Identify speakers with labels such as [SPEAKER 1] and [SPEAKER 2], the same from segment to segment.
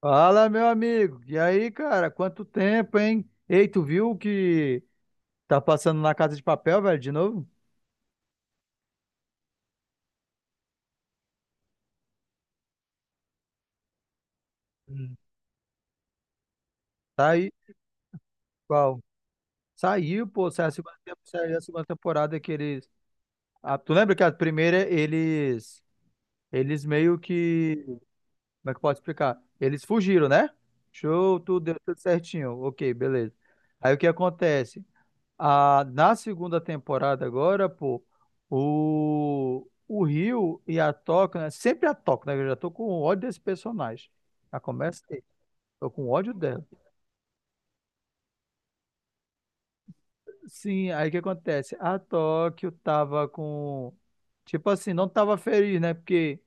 [SPEAKER 1] Fala, meu amigo. E aí, cara? Quanto tempo, hein? Ei, tu viu o que tá passando na Casa de Papel, velho, de novo? Hum. Tá aí, qual? Saiu, pô, saiu a segunda, saiu a segunda temporada que eles... Ah, tu lembra que a primeira eles... Eles meio que... Como é que eu posso explicar? Eles fugiram, né? Show, tudo deu tudo certinho. Ok, beleza. Aí o que acontece? A, na segunda temporada agora, pô, o Rio e a Toca, né? Sempre a Toca, né? Eu já tô com ódio desse personagem. Já começa aí. Tô com ódio dela. Sim, aí o que acontece? A Tóquio tava com. Tipo assim, não tava feliz, né? Porque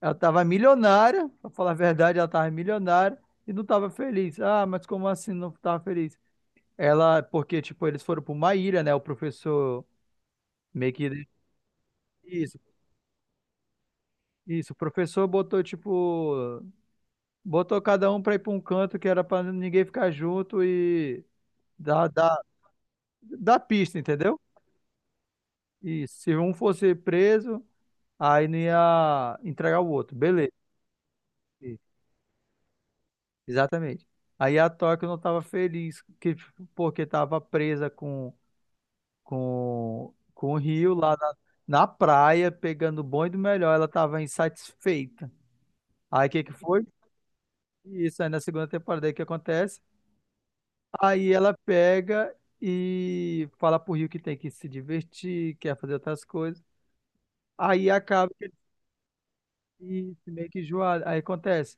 [SPEAKER 1] ela tava milionária, pra falar a verdade, ela tava milionária e não tava feliz. Ah, mas como assim não tava feliz? Ela, porque, tipo, eles foram pra uma ilha, né? O professor meio que. Isso, Isso, o professor botou, tipo, botou cada um pra ir pra um canto que era pra ninguém ficar junto e dar, dar, dar pista, entendeu? Isso, se um fosse preso, aí não ia entregar o outro, beleza. Isso, exatamente. Aí a Tóquio não tava feliz que, porque tava presa com, com o Rio lá na, na praia, pegando o bom e do melhor, ela tava insatisfeita. Aí o que que foi? Isso, aí na segunda temporada, aí o que acontece? Aí ela pega e fala pro Rio que tem que se divertir, quer fazer outras coisas. Aí acaba que ele se meio que enjoado. Aí acontece.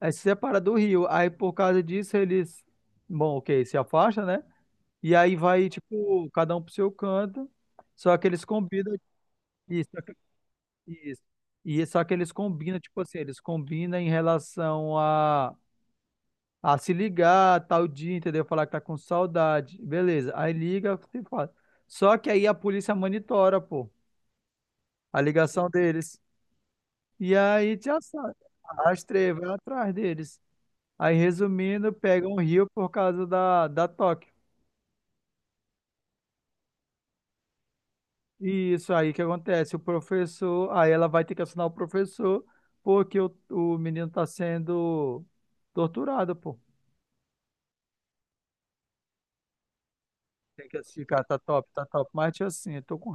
[SPEAKER 1] Aí se separa do Rio. Aí por causa disso eles, bom, ok, se afasta, né? E aí vai, tipo, cada um pro seu canto. Só que eles combinam isso. Isso. E só que eles combinam, tipo assim, eles combinam em relação a se ligar tal dia, entendeu? Falar que tá com saudade. Beleza. Aí liga e fala. Só que aí a polícia monitora, pô, a ligação deles. E aí já sabe. Rastreia, vai atrás deles. Aí, resumindo, pega um rio por causa da, da toque. E isso aí que acontece. O professor, aí ela vai ter que assinar o professor, porque o menino tá sendo torturado, pô. Tem que assistir, cara, tá top, tá top. Mas, tia, assim, eu tô com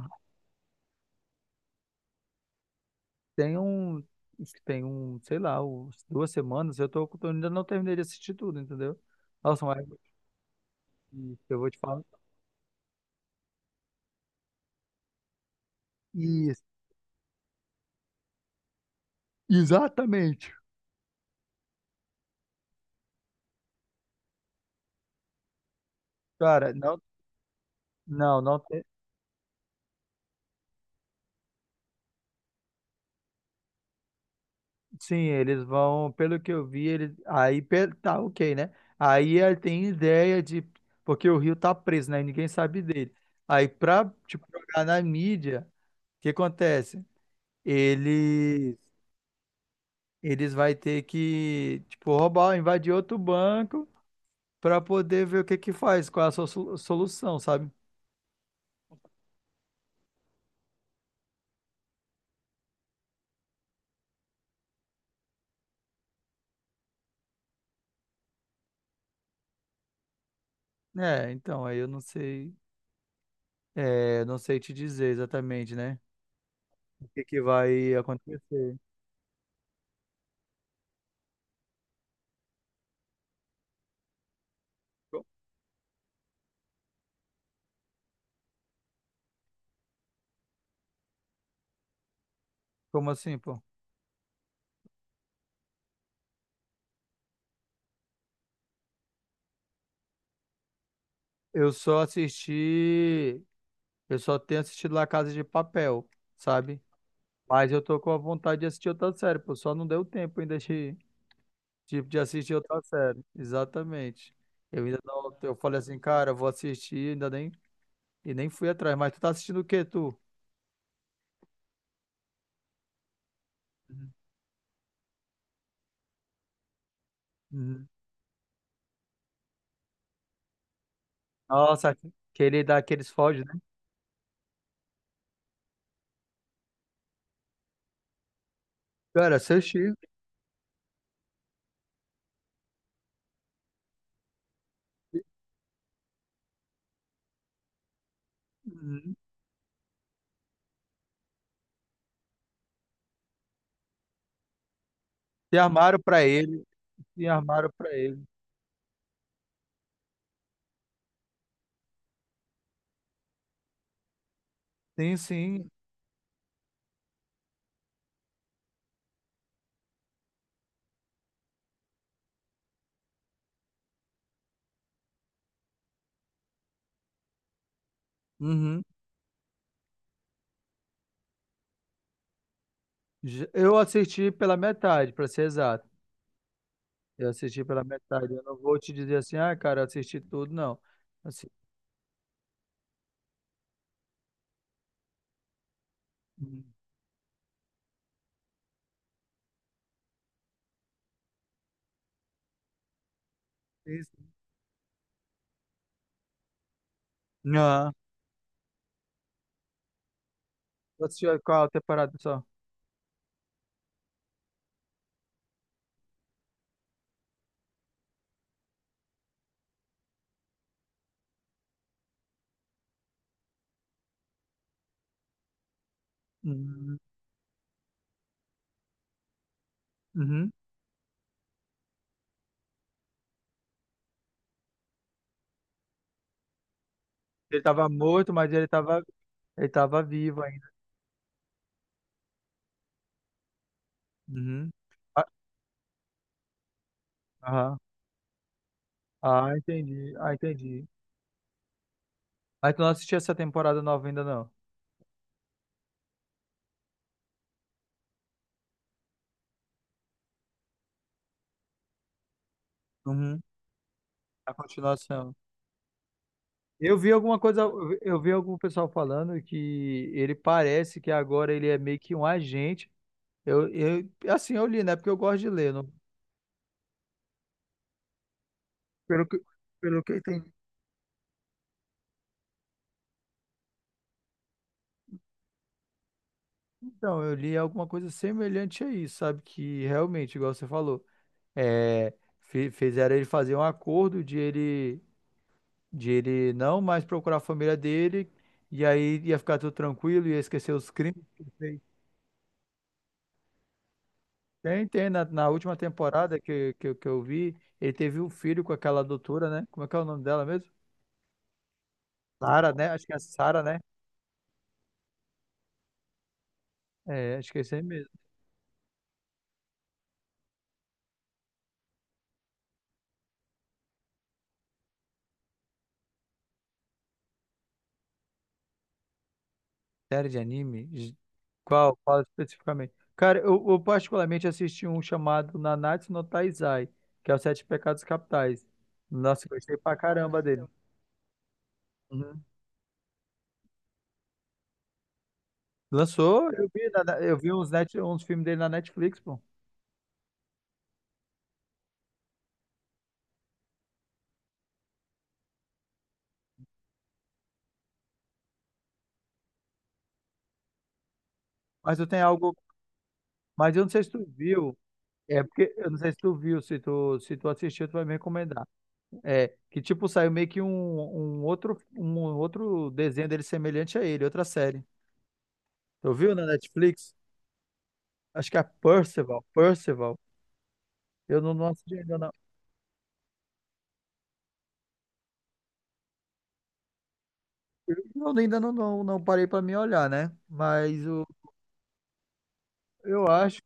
[SPEAKER 1] Tem um, tem um, sei lá, uns duas semanas, eu tô, eu ainda não terminei de assistir tudo, entendeu? Nossa, mas eu vou te falar. Isso, exatamente. Cara, não, não tem. Sim, eles vão, pelo que eu vi, eles, tá ok, né? Aí ele tem ideia de, porque o Rio tá preso, né? Ninguém sabe dele. Aí pra, tipo, jogar na mídia, o que acontece? Eles, eles vai ter que, tipo, roubar, invadir outro banco para poder ver o que que faz, qual é a sua solução, sabe? É, então, aí eu não sei, é, não sei te dizer exatamente, né? O que que vai acontecer. Co- Como assim, pô? Eu só assisti, eu só tenho assistido La Casa de Papel, sabe? Mas eu tô com a vontade de assistir outra série, pô, só não deu tempo ainda de, assistir outra série. Exatamente. Eu ainda não, eu falei assim, cara, eu vou assistir, ainda nem, e nem fui atrás. Mas tu tá assistindo o quê, tu? Uhum. Nossa, que ele dá aqueles foge, né? Cara, seu Chico. Uhum. Se armaram pra ele. Se armaram pra ele. Sim, sim. Uhum. Eu assisti pela metade, pra ser exato. Eu assisti pela metade. Eu não vou te dizer assim, ah, cara, eu assisti tudo, não. Assim, hum, isso. Não. Eu assisti qual temporada só? Uhum. Uhum. Ele tava morto, mas ele tava vivo ainda. Uhum. Ah, aham. Ah, entendi. Ah, entendi. Mas tu não assistiu essa temporada nova ainda, não? Uhum. A continuação. Eu vi alguma coisa, eu vi algum pessoal falando que ele parece que agora ele é meio que um agente. Eu, assim, eu li, né? Porque eu gosto de ler. Não, pelo que, pelo que eu entendi. Então, eu li alguma coisa semelhante a isso, sabe? Que realmente, igual você falou, é, fizeram ele fazer um acordo de ele não mais procurar a família dele, e aí ia ficar tudo tranquilo, ia esquecer os crimes. Tem, tem. Na, na última temporada que, eu vi, ele teve um filho com aquela doutora, né? Como é que é o nome dela mesmo? Sara, né? Acho que é Sara, né? É, acho que é isso aí mesmo. Série de anime? Qual? Qual especificamente? Cara, eu particularmente assisti um chamado Nanatsu no Taizai, que é os Sete Pecados Capitais. Nossa, eu gostei pra caramba dele. Uhum. Lançou, eu vi, eu vi uns, net, uns filmes dele na Netflix, pô. Mas eu tenho algo. Mas eu não sei se tu viu. É porque eu não sei se tu viu, se tu assistiu, tu vai me recomendar. É que tipo saiu meio que um, um outro desenho dele semelhante a ele, outra série. Tu viu na Netflix? Acho que é Percival, Percival. Eu não, não assisti ainda não. Eu ainda não, não parei pra me olhar, né? Mas o, eu acho,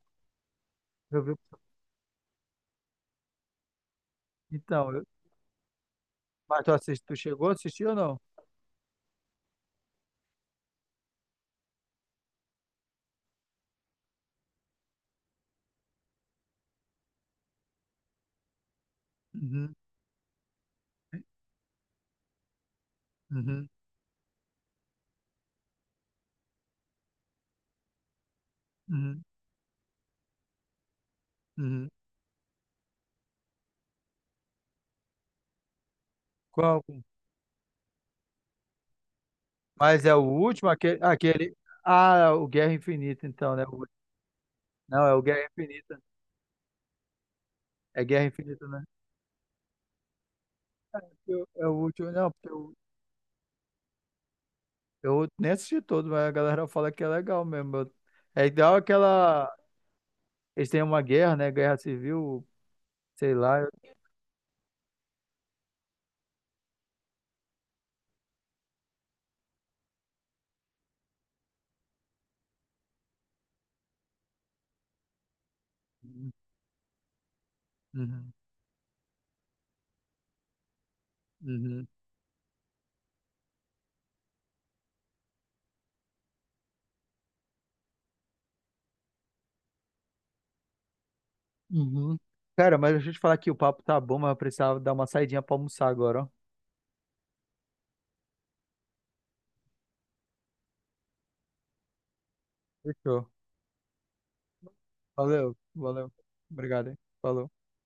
[SPEAKER 1] eu vi, então, mas tu assisti, tu chegou a assistir ou não? Uhum, uhum, uhum, uhum. Qual? Mas é o último, aquele, ah, o Guerra Infinita, então, né? Não, é o Guerra Infinita. É Guerra Infinita, né? É o último, não, porque eu nem assisti todo, mas a galera fala que é legal mesmo. É igual aquela. Eles têm uma guerra, né? Guerra civil, sei lá. Uhum, uhum, uhum. Cara, mas deixa eu te falar que o papo tá bom, mas eu precisava dar uma saidinha pra almoçar agora, ó. Fechou. Valeu, valeu. Obrigado, hein? Falou.